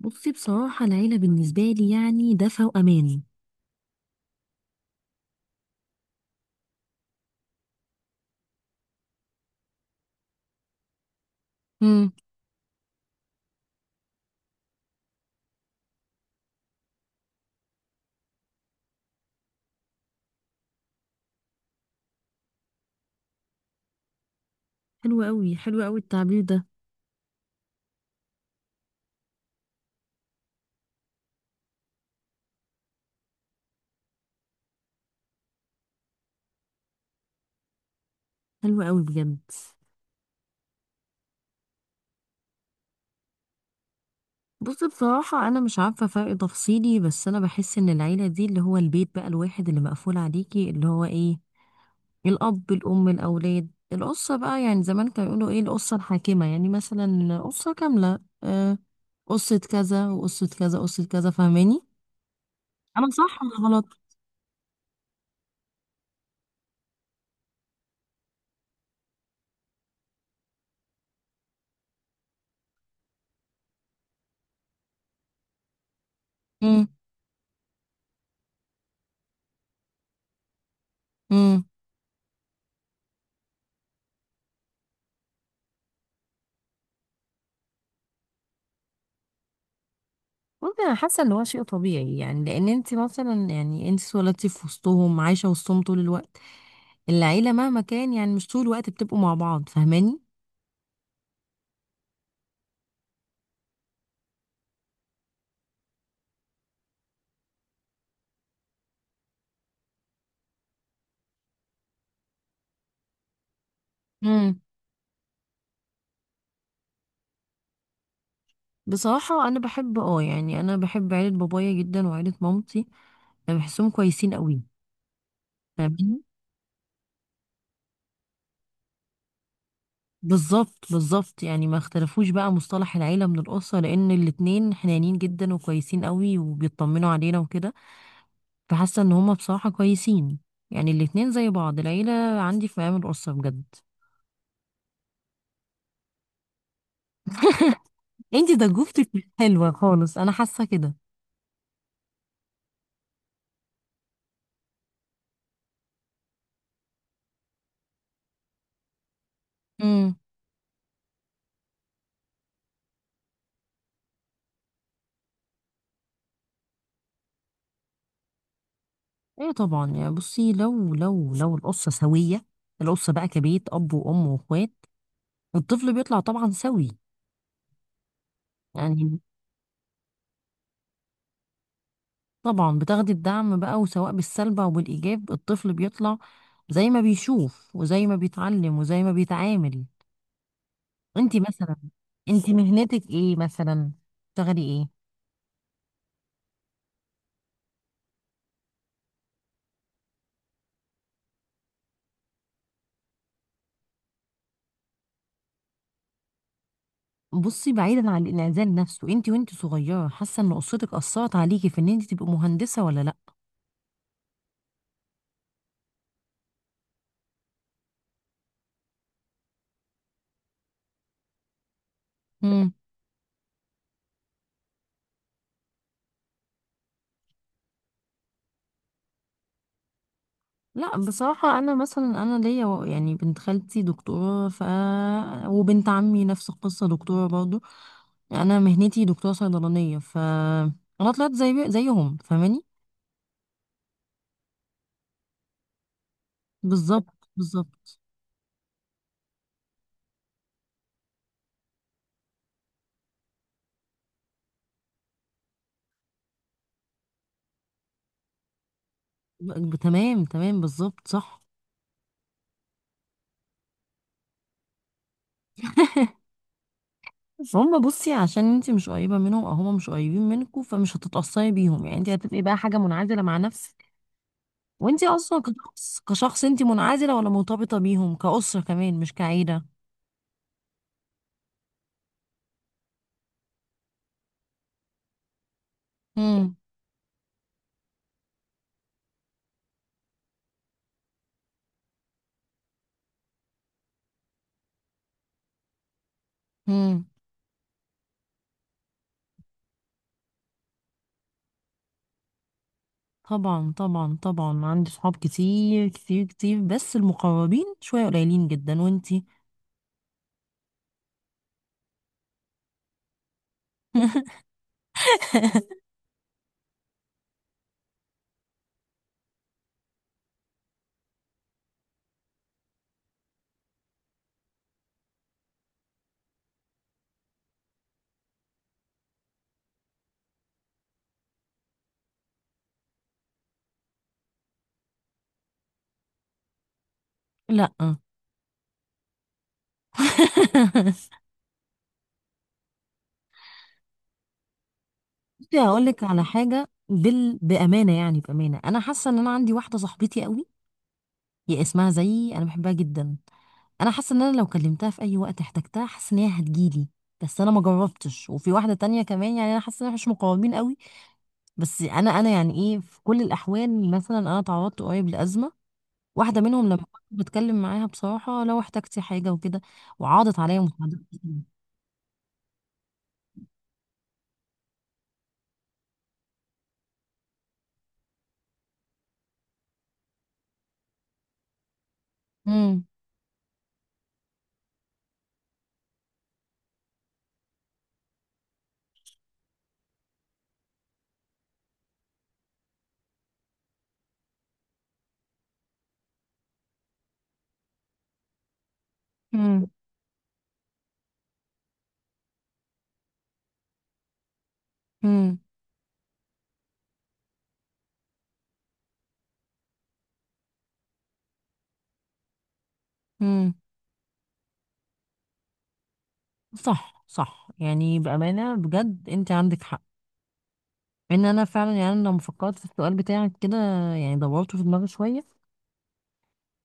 بصي، بصراحة العيلة بالنسبة لي يعني دفء وأمان. امم. حلو قوي، حلو قوي التعبير ده. حلو قوي بجد. بصي، بصراحة أنا مش عارفة فرق تفصيلي، بس أنا بحس إن العيلة دي اللي هو البيت بقى، الواحد اللي مقفول عليكي، اللي هو إيه، الأب الأم الأولاد، القصة بقى، يعني زمان كانوا يقولوا إيه، القصة الحاكمة، يعني مثلا قصة كاملة، آه، قصة كذا وقصة كذا قصة كذا، فاهماني؟ أنا صح ولا غلط؟ امم. بصي، انا حاسه ان هو شيء طبيعي، يعني لان انت مثلا، يعني انت اتولدتي في وسطهم، عايشه وسطهم طول الوقت. العيله مهما كان يعني مش طول الوقت بتبقوا مع بعض، فاهماني؟ امم. بصراحه انا بحب، يعني انا بحب عيله بابايا جدا وعيله مامتي. انا بحسهم كويسين قوي. فاهماني؟ بالظبط، بالظبط، يعني ما اختلفوش بقى مصطلح العيله من الاسره، لان الاتنين حنانين جدا وكويسين قوي وبيطمنوا علينا وكده. فحاسه ان هما بصراحه كويسين. يعني الاتنين زي بعض، العيله عندي في مقام الاسره بجد. انتي ضجوفتك مش حلوة خالص، انا حاسة كده. امم. ايه طبعا، يعني بصي، لو القصة سوية، القصة بقى كبيت اب وام واخوات، الطفل بيطلع طبعا سوي، يعني. طبعا بتاخدي الدعم بقى، وسواء بالسلب او بالايجاب الطفل بيطلع زي ما بيشوف وزي ما بيتعلم وزي ما بيتعامل. انتي مثلا انتي مهنتك ايه مثلا؟ بتشتغلي ايه؟ بصي بعيدا عن الانعزال نفسه، انتي وانتي صغيرة حاسة ان قصتك اثرت عليكي في ان انتي تبقي مهندسة ولا لا؟ لا، بصراحة أنا مثلا، أنا ليا يعني بنت خالتي دكتورة، وبنت عمي نفس القصة دكتورة برضو. أنا مهنتي دكتورة صيدلانية، أنا طلعت زيهم فاهماني؟ بالظبط، بالظبط. تمام، تمام، بالظبط صح. هما بصي عشان انتي مش قريبة منهم أو هما مش قريبين منكوا، فمش هتتأثري بيهم، يعني انتي هتبقي بقى حاجة منعزلة مع نفسك، وانتي أصلا كشخص انتي منعزلة ولا مرتبطة بيهم كأسرة كمان مش كعيلة. مم. مم. طبعا، طبعا، طبعا عندي صحاب كتير كتير كتير، بس المقربين شوية قليلين جدا، وانتي؟ لا. بصي هقول لك على حاجة، بأمانة، يعني بأمانة أنا حاسة إن أنا عندي واحدة صاحبتي قوي، هي اسمها زيي، أنا بحبها جدا. أنا حاسة إن أنا لو كلمتها في أي وقت احتجتها، حاسة إن هي هتجيلي، بس أنا ما جربتش. وفي واحدة تانية كمان، يعني أنا حاسة إن احنا مش مقربين قوي. بس أنا يعني إيه، في كل الأحوال مثلا أنا تعرضت قريب لأزمة، واحده منهم لما كنت بتكلم معاها بصراحه، لو احتجتي حاجه وكده، وعاضت عليا مساعدات كتير. امم. امم. امم. امم. صح، صح، يعني بامانه بجد انت عندك حق. ان انا فعلا، يعني أنا لما فكرت في السؤال بتاعك كده، يعني دورته في دماغي شويه،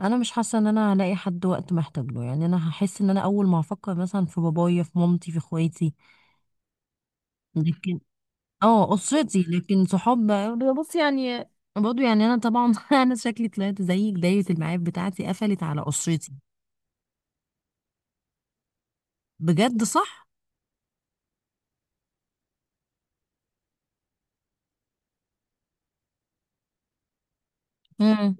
انا مش حاسه ان انا هلاقي حد وقت محتاج له، يعني انا هحس ان انا اول ما هفكر مثلا في بابايا في مامتي في اخواتي. لكن اه، اسرتي، لكن صحاب بص يعني، برضه يعني انا طبعا انا شكلي طلعت زيك، دايرة المعارف بتاعتي قفلت على اسرتي. بجد صح. امم.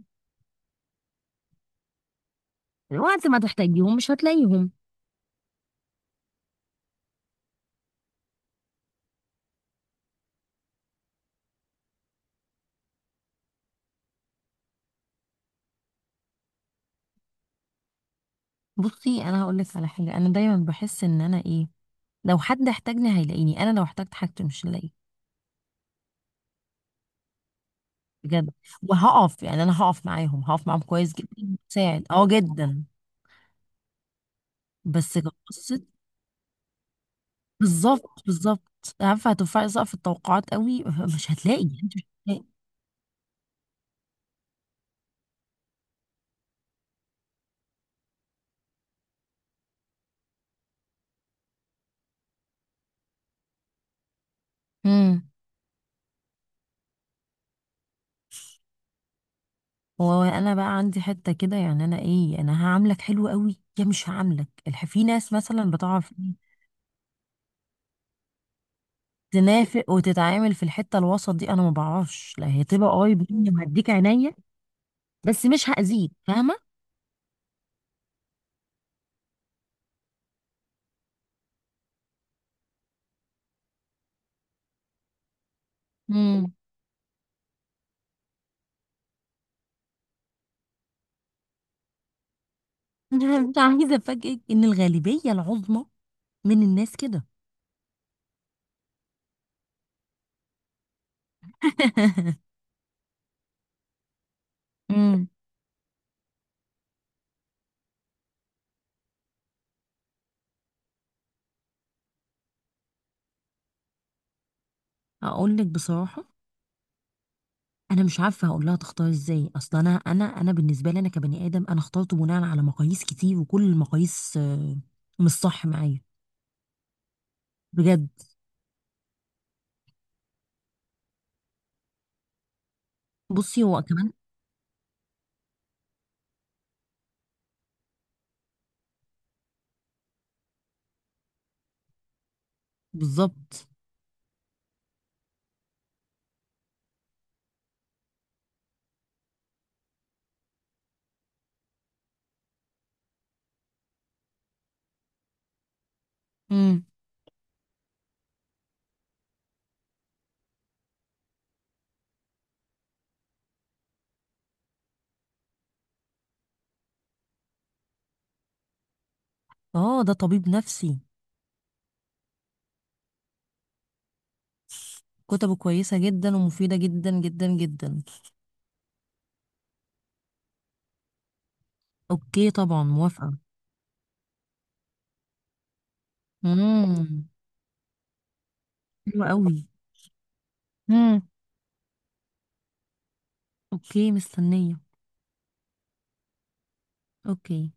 الوقت ما تحتاجيهم مش هتلاقيهم. بصي انا هقول لك على حاجه، انا دايما بحس ان انا ايه، لو حد احتاجني هيلاقيني، انا لو احتجت حاجته مش هلاقيه. بجد. وهقف، يعني انا هقف معاهم، هقف معاهم كويس جدا، ساعد جدا. بس قصه، بالظبط، بالظبط عارفه هترفعي سقف التوقعات قوي. مش هتلاقي، انت مش هتلاقي. وانا بقى عندي حته كده، يعني انا ايه، انا هعاملك حلو قوي يا مش هعاملك، في ناس مثلا بتعرف إيه، تنافق وتتعامل في الحته الوسط دي، انا ما بعرفش. لا هي تبقى قريب مني وهديك عينيا، بس مش هاذيك فاهمه. امم. انا مش عايزه افاجئك ان الغالبيه العظمى من الناس كده. امم. اقول لك بصراحه، انا مش عارفه هقول لها تختار ازاي، اصلا انا بالنسبه لي، انا كبني ادم انا اخترت بناء على مقاييس كتير، وكل المقاييس آه، مش صح معايا. بجد. بصي هو كمان، بالظبط. امم. اه، ده طبيب نفسي. كتبه كويسة جدا ومفيدة جدا جدا جدا. اوكي طبعا موافقة. امم. حلوة قوي. امم. اوكي مستنية. اوكي.